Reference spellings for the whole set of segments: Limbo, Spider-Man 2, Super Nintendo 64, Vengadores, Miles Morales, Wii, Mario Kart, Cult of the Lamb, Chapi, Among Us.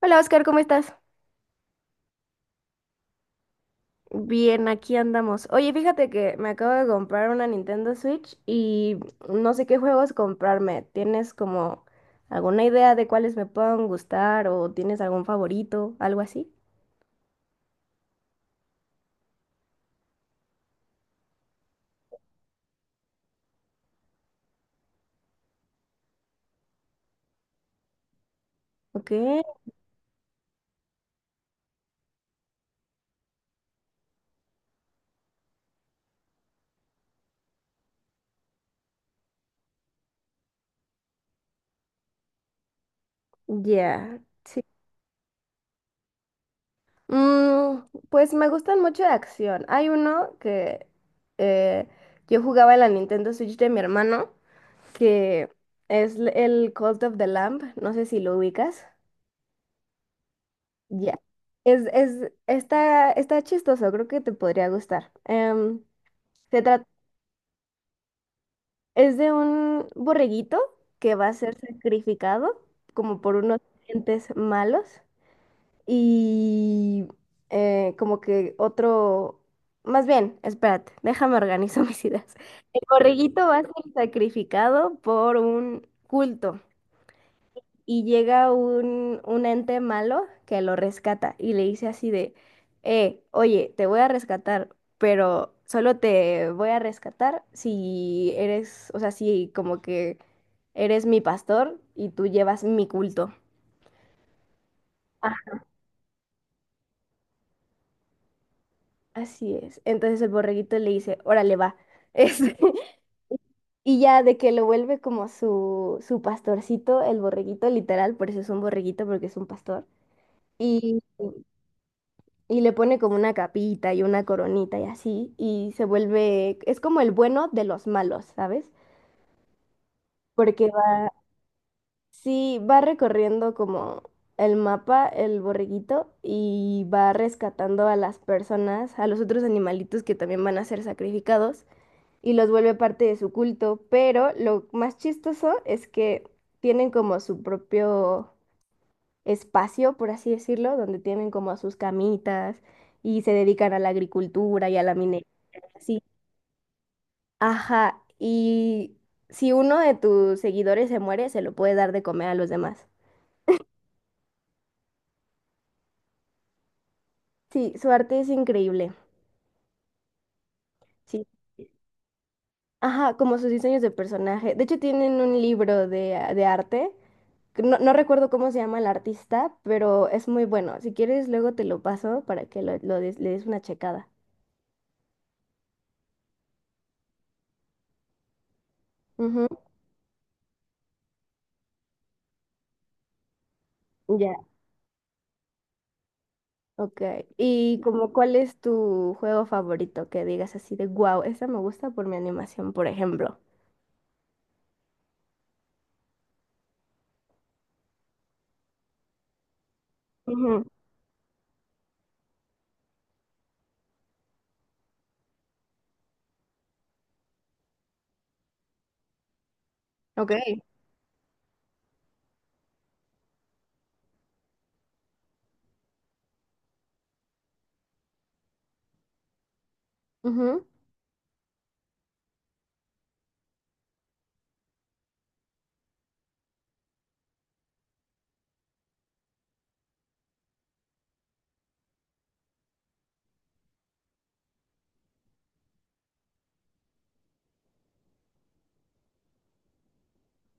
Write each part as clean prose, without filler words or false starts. Hola Oscar, ¿cómo estás? Bien, aquí andamos. Oye, fíjate que me acabo de comprar una Nintendo Switch y no sé qué juegos comprarme. ¿Tienes como alguna idea de cuáles me puedan gustar o tienes algún favorito, algo así? Ok, ya. Mm, pues me gustan mucho de acción. Hay uno que eh, yo jugaba en la Nintendo Switch de mi hermano, que es el Cult of the Lamb. No sé si lo ubicas. Ya. Está chistoso, creo que te podría gustar. Se trata, es de un borreguito que va a ser sacrificado como por unos entes malos. Y como que otro, más bien, espérate, déjame organizo mis ideas. El borreguito va a ser sacrificado por un culto y llega un ente malo que lo rescata y le dice así de, oye, te voy a rescatar, pero solo te voy a rescatar si eres, o sea, si como que eres mi pastor y tú llevas mi culto. Así es. Entonces el borreguito le dice, órale, va. Este, y ya de que lo vuelve como su pastorcito, el borreguito, literal, por eso es un borreguito, porque es un pastor. Y, y le pone como una capita y una coronita y así, y se vuelve, es como el bueno de los malos, ¿sabes? Porque va, sí, va recorriendo como el mapa, el borreguito, y va rescatando a las personas, a los otros animalitos que también van a ser sacrificados, y los vuelve parte de su culto, pero lo más chistoso es que tienen como su propio espacio, por así decirlo, donde tienen como sus camitas y se dedican a la agricultura y a la minería. Sí. Ajá, y si uno de tus seguidores se muere, se lo puede dar de comer a los demás. Sí, su arte es increíble. Sí, ajá, como sus diseños de personaje. De hecho, tienen un libro de, ah, de arte. Que No, no recuerdo cómo se llama el artista, pero es muy bueno. Si quieres, luego te lo paso para que lo le des una checada. Ujú. Ya, ok. ¿Y como cuál es tu juego favorito que digas así de, wow, esa me gusta por mi animación, por ejemplo? Ujú. Ok. Ujú.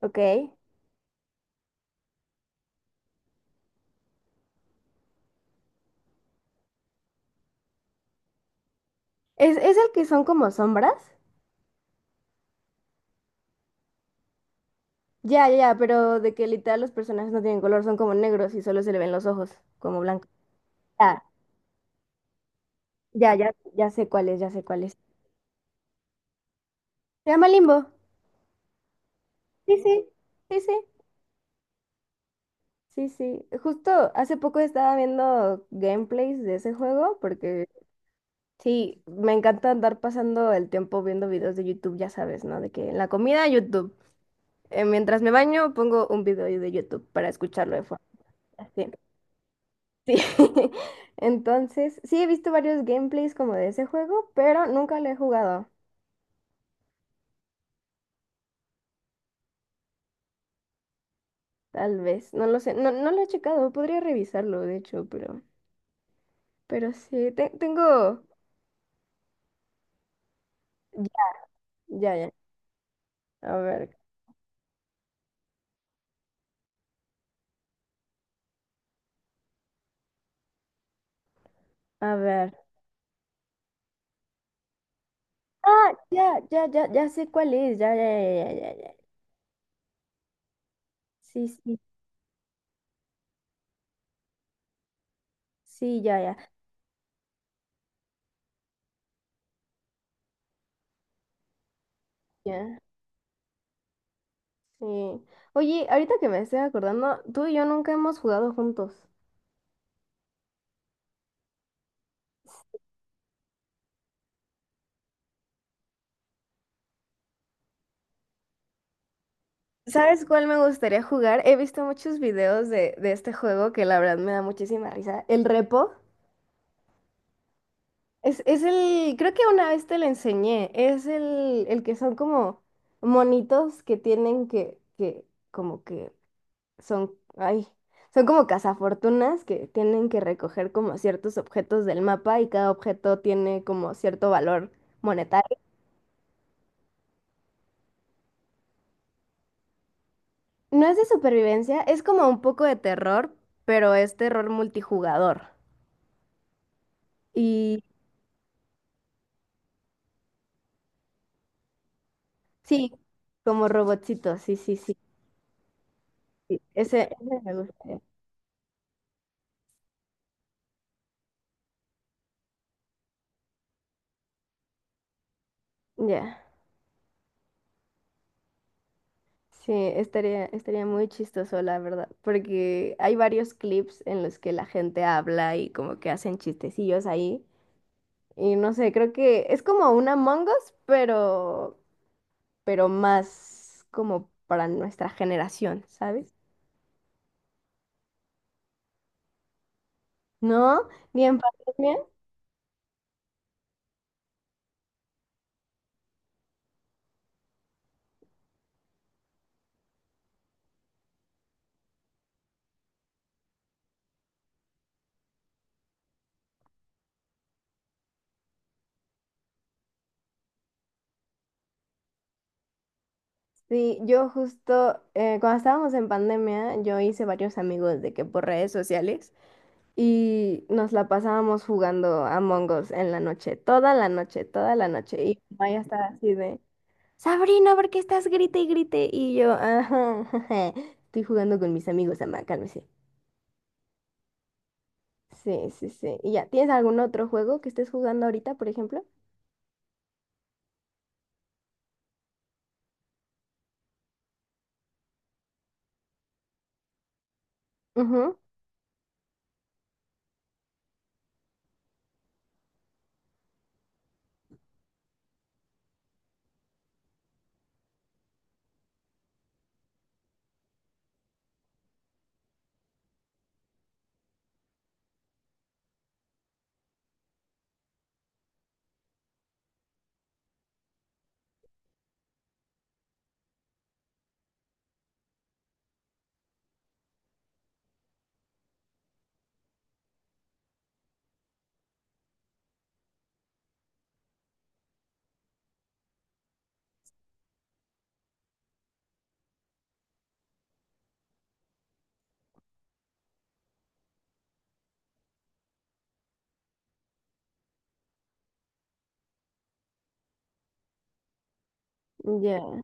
Ok. ¿Es el que son como sombras? Ya, ya, ya, pero de que literal los personajes no tienen color, son como negros y solo se le ven los ojos, como blancos. Ya, ya, ya, ya sé cuál es, ya sé cuál es. Se llama Limbo. Sí, sí, sí, sí, sí, sí. Justo hace poco estaba viendo gameplays de ese juego porque sí, me encanta andar pasando el tiempo viendo videos de YouTube, ya sabes, ¿no? De que en la comida, YouTube. Mientras me baño, pongo un video de YouTube para escucharlo de fondo. Así. Sí. Entonces, sí he visto varios gameplays como de ese juego, pero nunca lo he jugado. Tal vez, no lo sé, no, no lo he checado, podría revisarlo, de hecho, pero... Pero sí, tengo... Ya, ya. A ver, a ver. Ah, ya, ya, ya, ya sé cuál es. Ya, ya, ya, ya, ya, ya. Sí, sí, sí, ya, ya. Ya, sí. Oye, ahorita que me estoy acordando, tú y yo nunca hemos jugado juntos. ¿Sabes cuál me gustaría jugar? He visto muchos videos de este juego que la verdad me da muchísima risa. El repo. Es el, creo que una vez te lo enseñé. Es el que son como monitos que tienen que, como que son, ay, son como cazafortunas que tienen que recoger como ciertos objetos del mapa y cada objeto tiene como cierto valor monetario. No es de supervivencia, es como un poco de terror, pero es terror multijugador. Y sí, como robotcito, sí, sí, sí. Sí, ese me gustaría. Ya. Sí, estaría, estaría muy chistoso, la verdad, porque hay varios clips en los que la gente habla y como que hacen chistecillos ahí. Y no sé, creo que es como un Among Us, pero más como para nuestra generación, ¿sabes? No, ni en pandemia. Sí, yo justo cuando estábamos en pandemia, yo hice varios amigos de que por redes sociales y nos la pasábamos jugando Among Us en la noche, toda la noche, toda la noche. Y mi mamá ya estaba así de, Sabrina, ¿por qué estás grite y grite? Y yo, ajá, jeje, estoy jugando con mis amigos, mamá, cálmese. Sí, sí, sí. ¿Y ya tienes algún otro juego que estés jugando ahorita, por ejemplo? Ujú. Ya.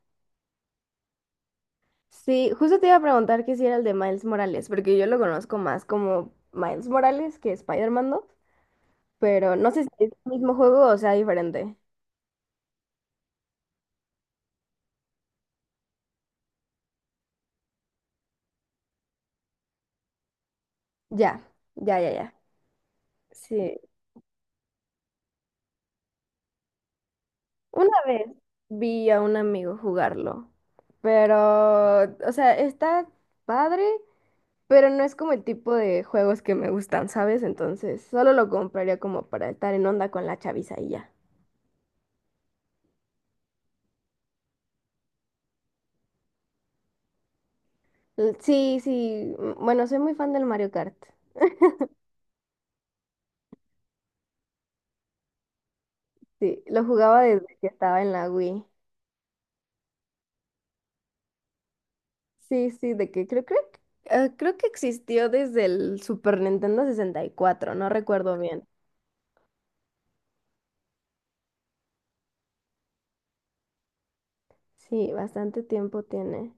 Sí, justo te iba a preguntar que si era el de Miles Morales, porque yo lo conozco más como Miles Morales que Spider-Man 2, pero no sé si es el mismo juego o sea diferente. Ya, ya, ya, ya. Sí. Una vez vi a un amigo jugarlo, pero, o sea, está padre, pero no es como el tipo de juegos que me gustan, ¿sabes? Entonces, solo lo compraría como para estar en onda con la chaviza y ya. Sí, sí, bueno, soy muy fan del Mario Kart. Sí, lo jugaba desde que estaba en la Wii. Sí, sí, de que creo que existió desde el Super Nintendo 64, no recuerdo bien. Sí, bastante tiempo tiene.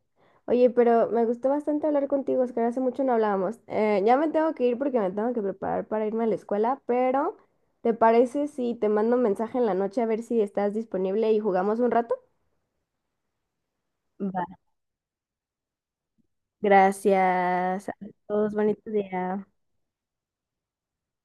Oye, pero me gustó bastante hablar contigo, Oscar. Hace mucho no hablábamos. Ya me tengo que ir porque me tengo que preparar para irme a la escuela, pero ¿te parece si te mando un mensaje en la noche a ver si estás disponible y jugamos un rato? Va, gracias. Todos, bonitos días.